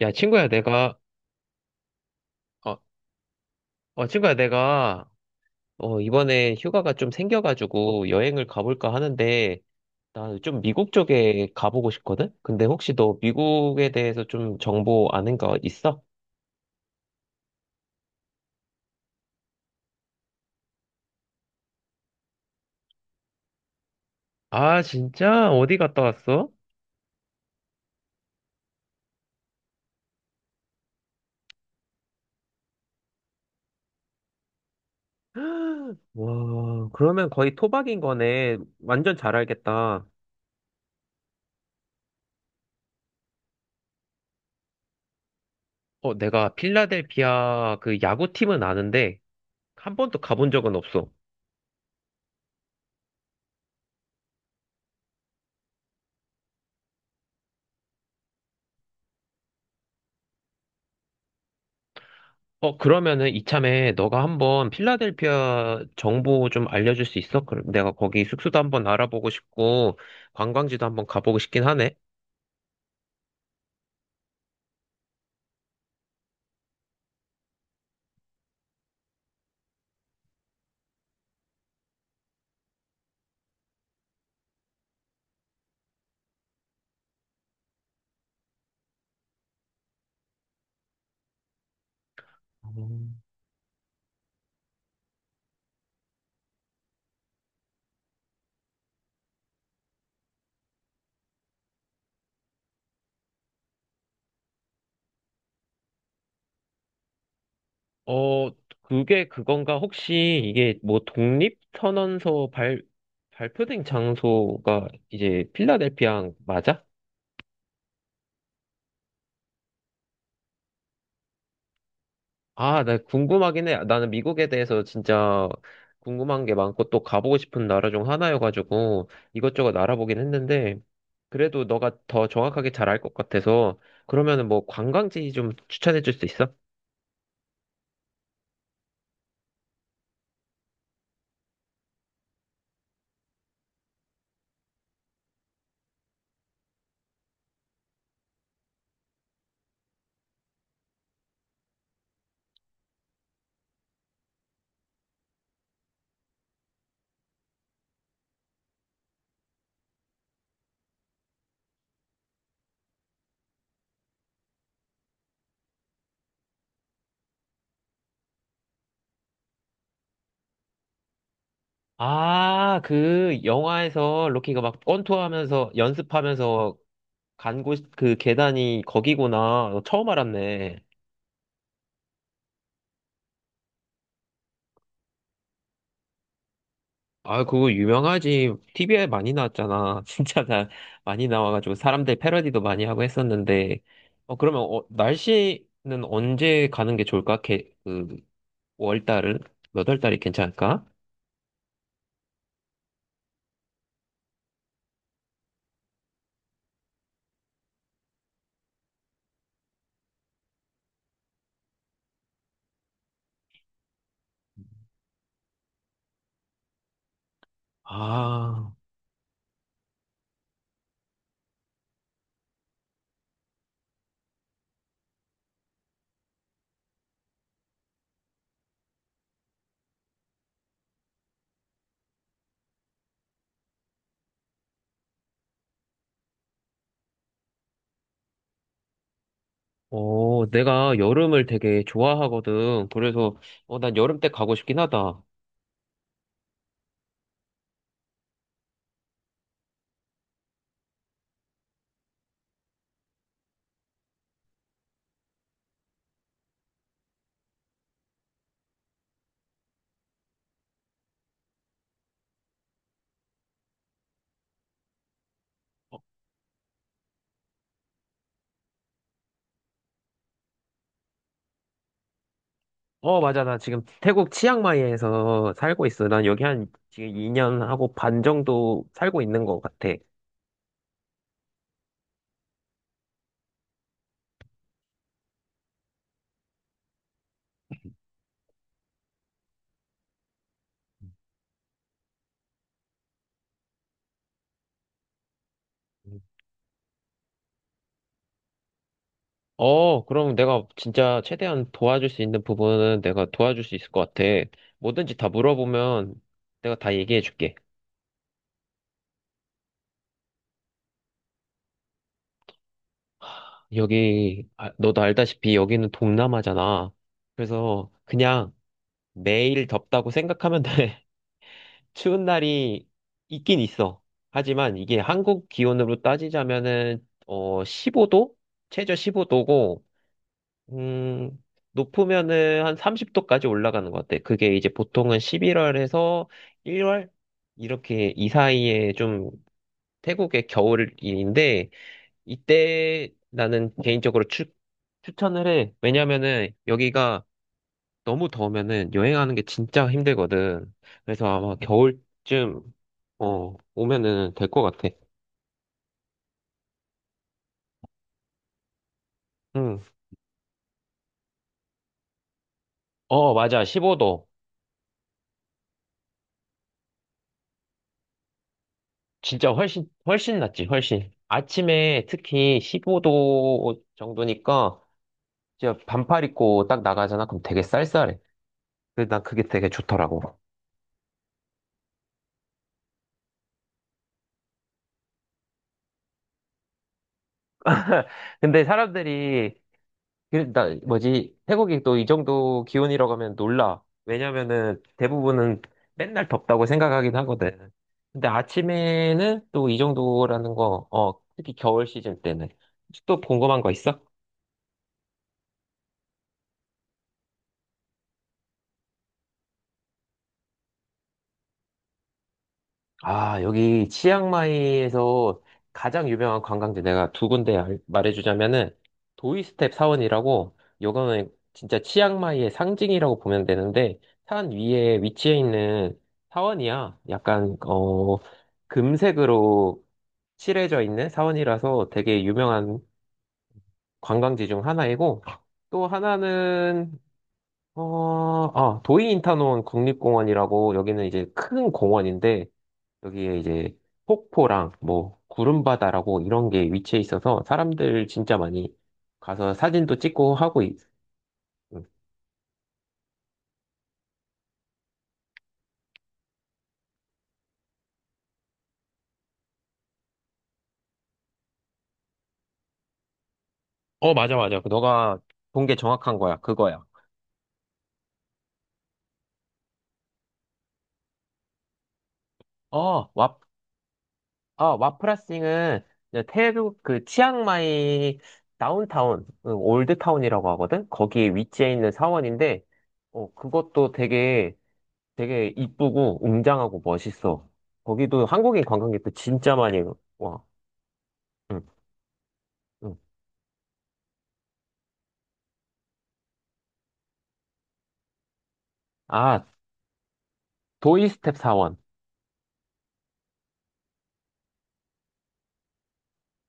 야, 친구야, 내가, 어, 어, 친구야, 내가, 어, 이번에 휴가가 좀 생겨가지고 여행을 가볼까 하는데, 나 좀 미국 쪽에 가보고 싶거든? 근데 혹시 너 미국에 대해서 좀 정보 아는 거 있어? 아, 진짜? 어디 갔다 왔어? 와, 그러면 거의 토박인 거네. 완전 잘 알겠다. 어, 내가 필라델피아 그 야구팀은 아는데, 한 번도 가본 적은 없어. 어, 그러면은 이참에 너가 한번 필라델피아 정보 좀 알려줄 수 있어? 그럼 내가 거기 숙소도 한번 알아보고 싶고, 관광지도 한번 가보고 싶긴 하네. 음. 어, 그게 그건가? 혹시 이게 뭐 독립선언서 발표된 장소가 이제 필라델피아 맞아? 아, 나 궁금하긴 해. 나는 미국에 대해서 진짜 궁금한 게 많고 또 가보고 싶은 나라 중 하나여가지고 이것저것 알아보긴 했는데, 그래도 너가 더 정확하게 잘 알 것 같아서 그러면은 뭐 관광지 좀 추천해 줄 수 있어? 아, 그 영화에서 로키가 막 권투하면서 연습하면서 간 곳 그 계단이 거기구나. 너 처음 알았네. 아, 그거 유명하지. TV에 많이 나왔잖아. 진짜 다 많이 나와가지고 사람들 패러디도 많이 하고 했었는데. 어, 그러면 날씨는 언제 가는 게 좋을까? 월달은? 몇 월 달이 괜찮을까? 아, 내가 여름을 되게 좋아하거든. 그래서, 난 여름 때 가고 싶긴 하다. 어, 맞아. 나 지금 태국 치앙마이에서 살고 있어. 난 여기 한 지금 2년 하고 반 정도 살고 있는 것 같아. 어, 그럼 내가 진짜 최대한 도와줄 수 있는 부분은 내가 도와줄 수 있을 것 같아. 뭐든지 다 물어보면 내가 다 얘기해 줄게. 아, 너도 알다시피 여기는 동남아잖아. 그래서 그냥 매일 덥다고 생각하면 돼. 추운 날이 있긴 있어. 하지만 이게 한국 기온으로 따지자면은, 15도? 최저 15도고, 음, 높으면은 한 30도까지 올라가는 것 같아. 그게 이제 보통은 11월에서 1월? 이렇게 이 사이에 좀 태국의 겨울인데, 이때 나는 개인적으로 추천을 해. 왜냐면은 여기가 너무 더우면은 여행하는 게 진짜 힘들거든. 그래서 아마 겨울쯤, 오면은 될 것 같아. 응. 어, 맞아. 15도. 진짜 훨씬, 훨씬 낫지, 훨씬. 아침에 특히 15도 정도니까 진짜 반팔 입고 딱 나가잖아. 그럼 되게 쌀쌀해. 그래서 난 그게 되게 좋더라고. 근데 사람들이, 그, 나, 뭐지, 태국이 또 이 정도 기온이라고 하면 놀라. 왜냐면은 대부분은 맨날 덥다고 생각하긴 하거든. 근데 아침에는 또 이 정도라는 거, 특히 겨울 시즌 때는. 혹시 또 궁금한 거 있어? 아, 여기 치앙마이에서 가장 유명한 관광지 내가 두 군데 말해주자면은, 도이스텝 사원이라고, 요거는 진짜 치앙마이의 상징이라고 보면 되는데, 산 위에 위치해 있는 사원이야. 약간 금색으로 칠해져 있는 사원이라서 되게 유명한 관광지 중 하나이고, 또 하나는 아, 도이인타논 국립공원이라고, 여기는 이제 큰 공원인데, 여기에 이제 폭포랑 뭐 구름바다라고 이런 게 위치해 있어서 사람들 진짜 많이 가서 사진도 찍고 하고 있... 응. 어, 맞아, 맞아. 그 너가 본 게 정확한 거야. 그거야. 와, 아, 와프라싱은 이제 태국 그 치앙마이 다운타운, 응, 올드타운이라고 하거든? 거기에 위치해 있는 사원인데, 그것도 되게 이쁘고 웅장하고 멋있어. 거기도 한국인 관광객도 진짜 많이 와. 응, 응. 아, 도이스텝 사원.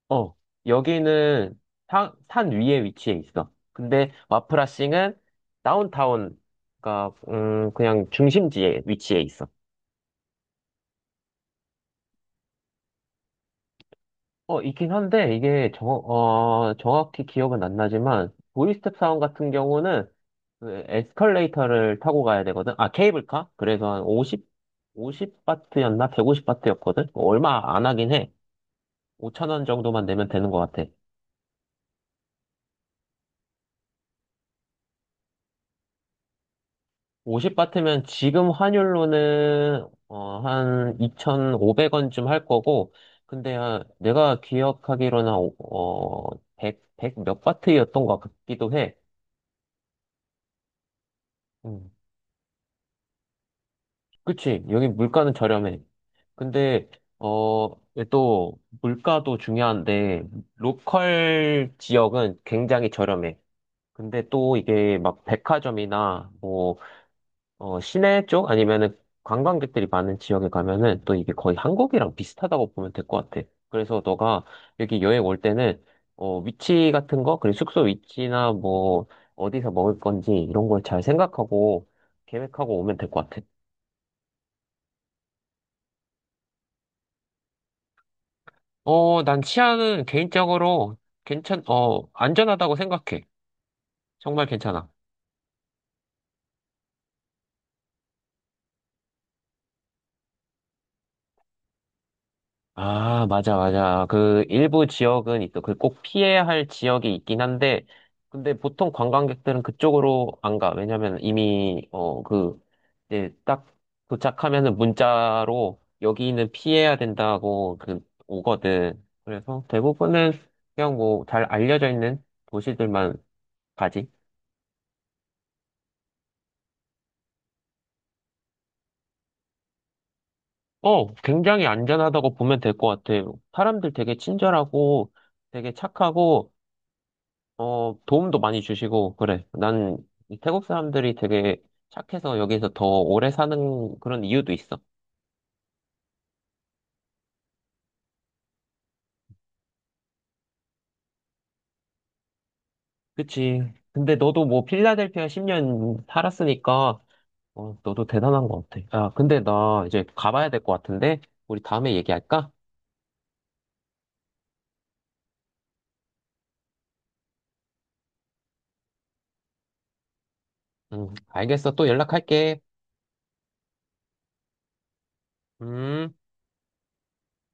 어, 여기는 산 위에 위치해 있어. 근데 와프라싱은 다운타운, 그러니까 그냥 중심지에 위치해 있어. 어, 있긴 한데, 이게 정확히 기억은 안 나지만, 도이스텝 사원 같은 경우는 그 에스컬레이터를 타고 가야 되거든. 아, 케이블카? 그래서 한 50, 오십 바트였나 150바트였거든? 얼마 안 하긴 해. 5천 원 정도만 내면 되는 것 같아. 50 바트면 지금 환율로는 한 2,500원쯤 할 거고, 근데 아, 내가 기억하기로는 어, 100, 몇 바트였던 것 같기도 해. 음, 그치. 여기 물가는 저렴해. 근데 어, 이게 또 물가도 중요한데 로컬 지역은 굉장히 저렴해. 근데 또 이게 막 백화점이나 뭐 시내 쪽 아니면은 관광객들이 많은 지역에 가면은 또 이게 거의 한국이랑 비슷하다고 보면 될 것 같아. 그래서 너가 여기 여행 올 때는 위치 같은 거, 그리고 숙소 위치나 뭐 어디서 먹을 건지 이런 걸 잘 생각하고 계획하고 오면 될 것 같아. 어, 난 치안은 개인적으로 안전하다고 생각해. 정말 괜찮아. 아, 맞아, 맞아. 그, 일부 지역은 있어. 그 꼭 피해야 할 지역이 있긴 한데, 근데 보통 관광객들은 그쪽으로 안 가. 왜냐면 이미, 이제 딱 도착하면은 문자로 여기는 피해야 된다고 오거든. 그래서 대부분은 그냥 뭐 잘 알려져 있는 도시들만 가지. 어, 굉장히 안전하다고 보면 될 것 같아. 사람들 되게 친절하고 되게 착하고, 도움도 많이 주시고, 그래. 난이 태국 사람들이 되게 착해서 여기서 더 오래 사는 그런 이유도 있어. 그치. 근데 너도 뭐 필라델피아 10년 살았으니까, 어, 너도 대단한 것 같아. 야, 근데 나 이제 가봐야 될 것 같은데, 우리 다음에 얘기할까? 응, 알겠어. 또 연락할게. 음.